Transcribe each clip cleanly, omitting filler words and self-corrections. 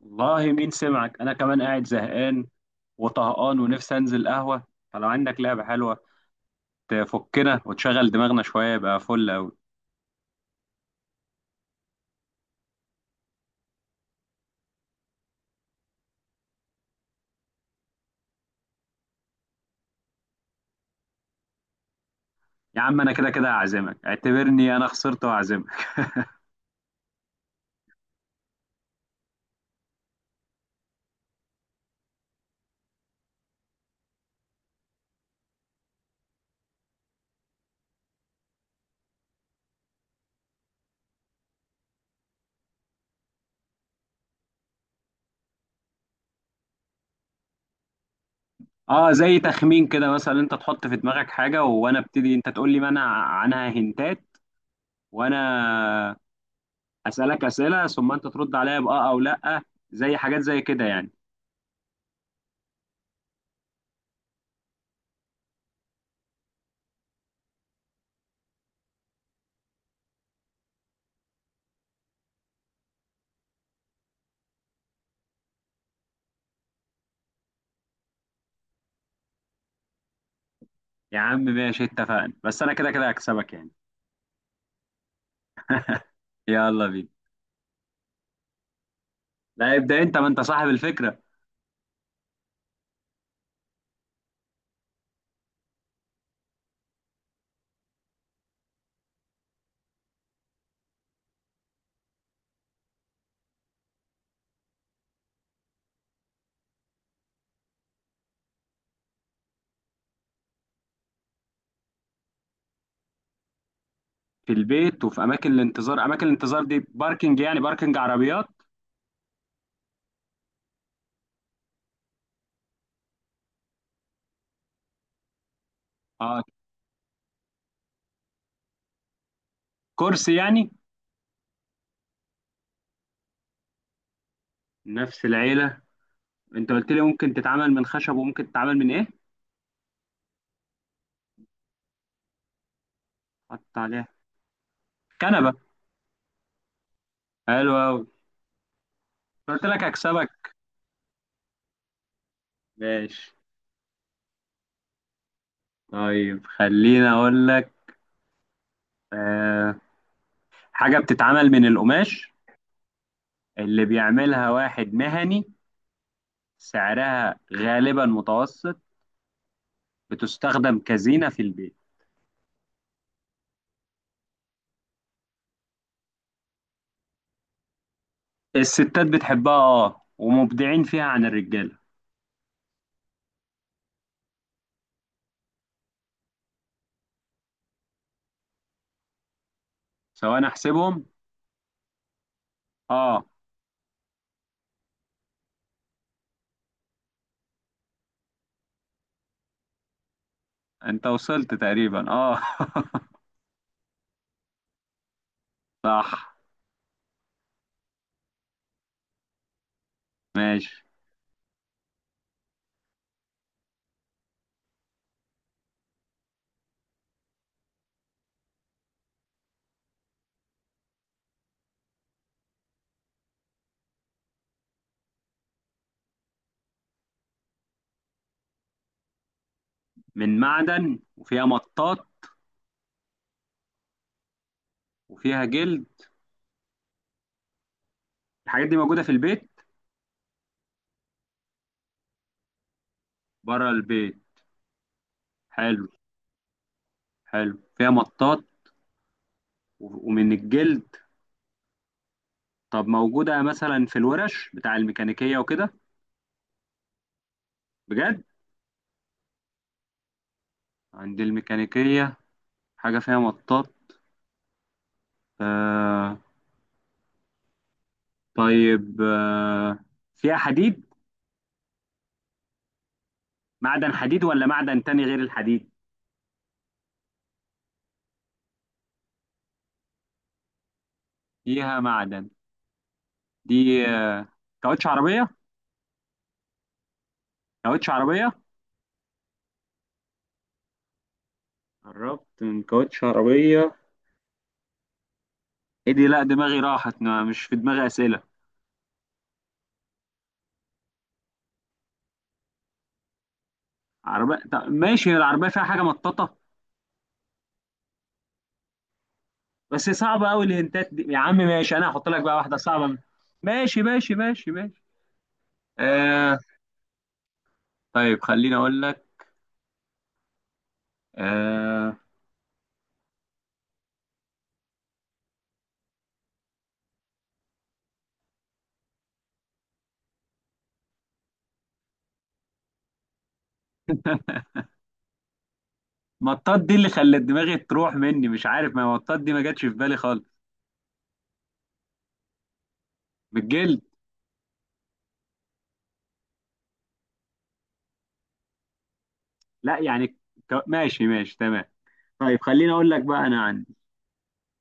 والله مين سمعك؟ انا كمان قاعد زهقان وطهقان ونفسي انزل قهوه. فلو عندك لعبه حلوه تفكنا وتشغل دماغنا شويه يبقى فل قوي. يا عم انا كده كده هعزمك، اعتبرني انا خسرت وهعزمك. اه، زي تخمين كده، مثلا انت تحط في دماغك حاجه وانا ابتدي انت تقول لي منع عنها هنتات، وانا اسالك اسئله ثم انت ترد عليا باه او لا. زي حاجات زي كده يعني. يا عم ماشي اتفقنا، بس انا كده كده هكسبك يعني. يلا بينا. لا، ابدا انت، ما انت صاحب الفكره. في البيت وفي اماكن الانتظار. اماكن الانتظار دي باركنج يعني؟ باركنج عربيات؟ اه. كرسي يعني؟ نفس العيله. انت قلت لي ممكن تتعمل من خشب وممكن تتعمل من ايه؟ حط عليها كنبه. حلو قوي. قلت لك هكسبك. ماشي. طيب خليني اقول لك. آه حاجه بتتعمل من القماش، اللي بيعملها واحد مهني، سعرها غالبا متوسط، بتستخدم كزينه في البيت. الستات بتحبها اه ومبدعين فيها عن الرجاله. سواء احسبهم اه. انت وصلت تقريبا اه. صح. ماشي. من معدن وفيها مطاط وفيها جلد. الحاجات دي موجودة في البيت؟ بره البيت. حلو. حلو فيها مطاط ومن الجلد. طب موجودة مثلا في الورش بتاع الميكانيكية وكده؟ بجد؟ عند الميكانيكية. حاجة فيها مطاط. آه طيب فيها حديد؟ معدن حديد ولا معدن تاني غير الحديد؟ فيها معدن. دي كاوتش عربية. كاوتش عربية. قربت من كاوتش عربية. ايه دي؟ لا دماغي راحت، مش في دماغي أسئلة. عربية؟ طب ماشي. هي العربية فيها حاجة مطاطة؟ بس صعبة أوي الهنتات دي يا عم. ماشي، أنا هحط لك بقى واحدة صعبة ماشي ماشي ماشي ماشي. آه. طيب خليني أقول لك. آه مطاط دي اللي خلت دماغي تروح مني، مش عارف، ما مطاط دي ما جاتش في بالي خالص. بالجلد. لا يعني ماشي ماشي تمام. طيب خليني أقول لك بقى. أنا عندي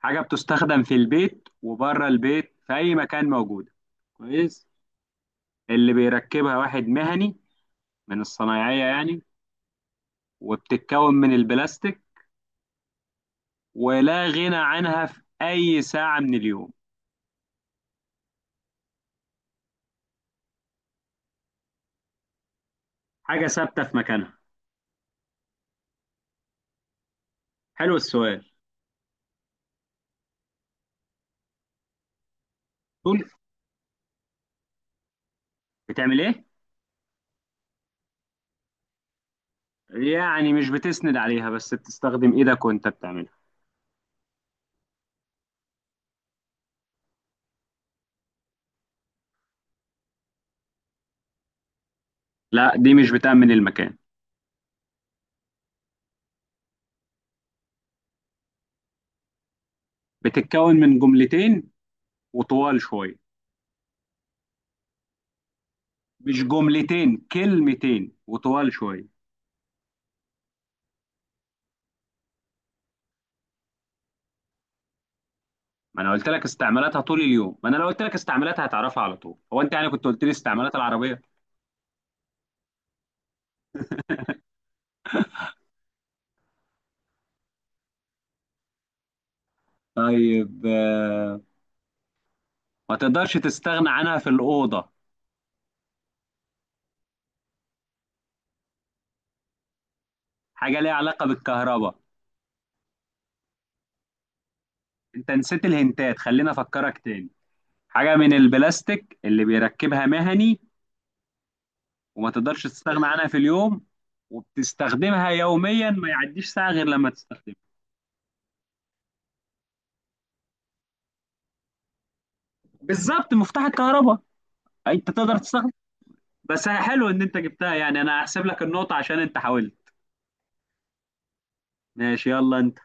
حاجة بتستخدم في البيت وبره البيت، في أي مكان موجودة. كويس. اللي بيركبها واحد مهني من الصنايعية يعني، وبتتكون من البلاستيك، ولا غنى عنها في أي ساعة من اليوم. حاجة ثابتة في مكانها. حلو السؤال. طول. بتعمل إيه؟ يعني مش بتسند عليها بس بتستخدم إيدك وأنت بتعملها. لا دي مش بتأمن المكان. بتتكون من جملتين وطوال شوية. مش جملتين، كلمتين وطوال شوية. ما أنا قلت لك استعمالاتها طول اليوم، ما أنا لو قلت لك استعمالاتها هتعرفها على طول، هو أنت يعني كنت قلت لي استعمالات العربية؟ طيب ما تقدرش تستغنى عنها في الأوضة. حاجة ليها علاقة بالكهرباء. انت نسيت الهنتات، خلينا افكرك تاني. حاجة من البلاستيك اللي بيركبها مهني، وما تقدرش تستغنى عنها في اليوم، وبتستخدمها يوميا ما يعديش ساعة غير لما تستخدمها. بالظبط، مفتاح الكهرباء. أي، انت تقدر تستخدم. بس حلو ان انت جبتها يعني، انا هحسب لك النقطة عشان انت حاولت. ماشي، يلا انت.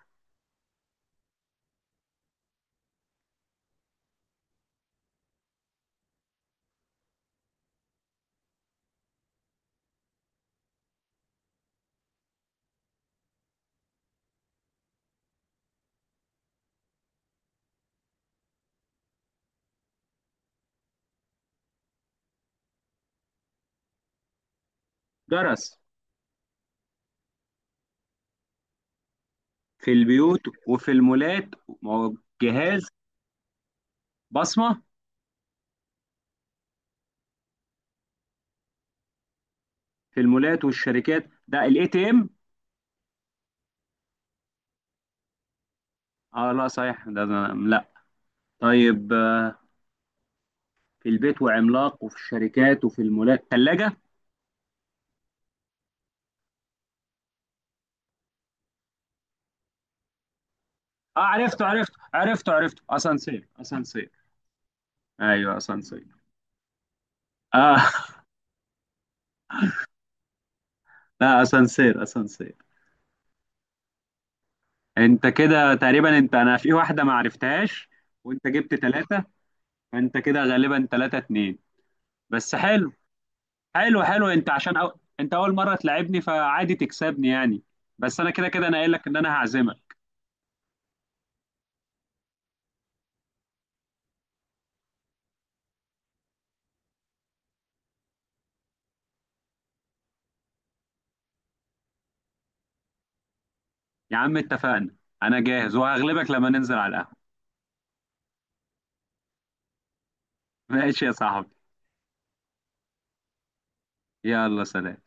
جرس. في البيوت وفي المولات. جهاز. بصمة. في المولات والشركات ده ATM. اه لا صحيح، ده لا. طيب في البيت وعملاق وفي الشركات وفي المولات، ثلاجة. اه عرفته عرفته عرفته عرفته، اسانسير اسانسير. ايوه اسانسير. اه لا اسانسير اسانسير. انت كده تقريبا، انت انا في واحدة ما عرفتهاش وانت جبت ثلاثة. فانت كده غالبا 3-2. بس حلو. حلو حلو، انت عشان انت اول مرة تلعبني، فعادي تكسبني يعني. بس انا كده كده انا قايل لك ان انا هعزمك. يا عم اتفقنا. انا جاهز وهغلبك لما ننزل على القهوة. ماشي يا صاحبي. يلا، سلام.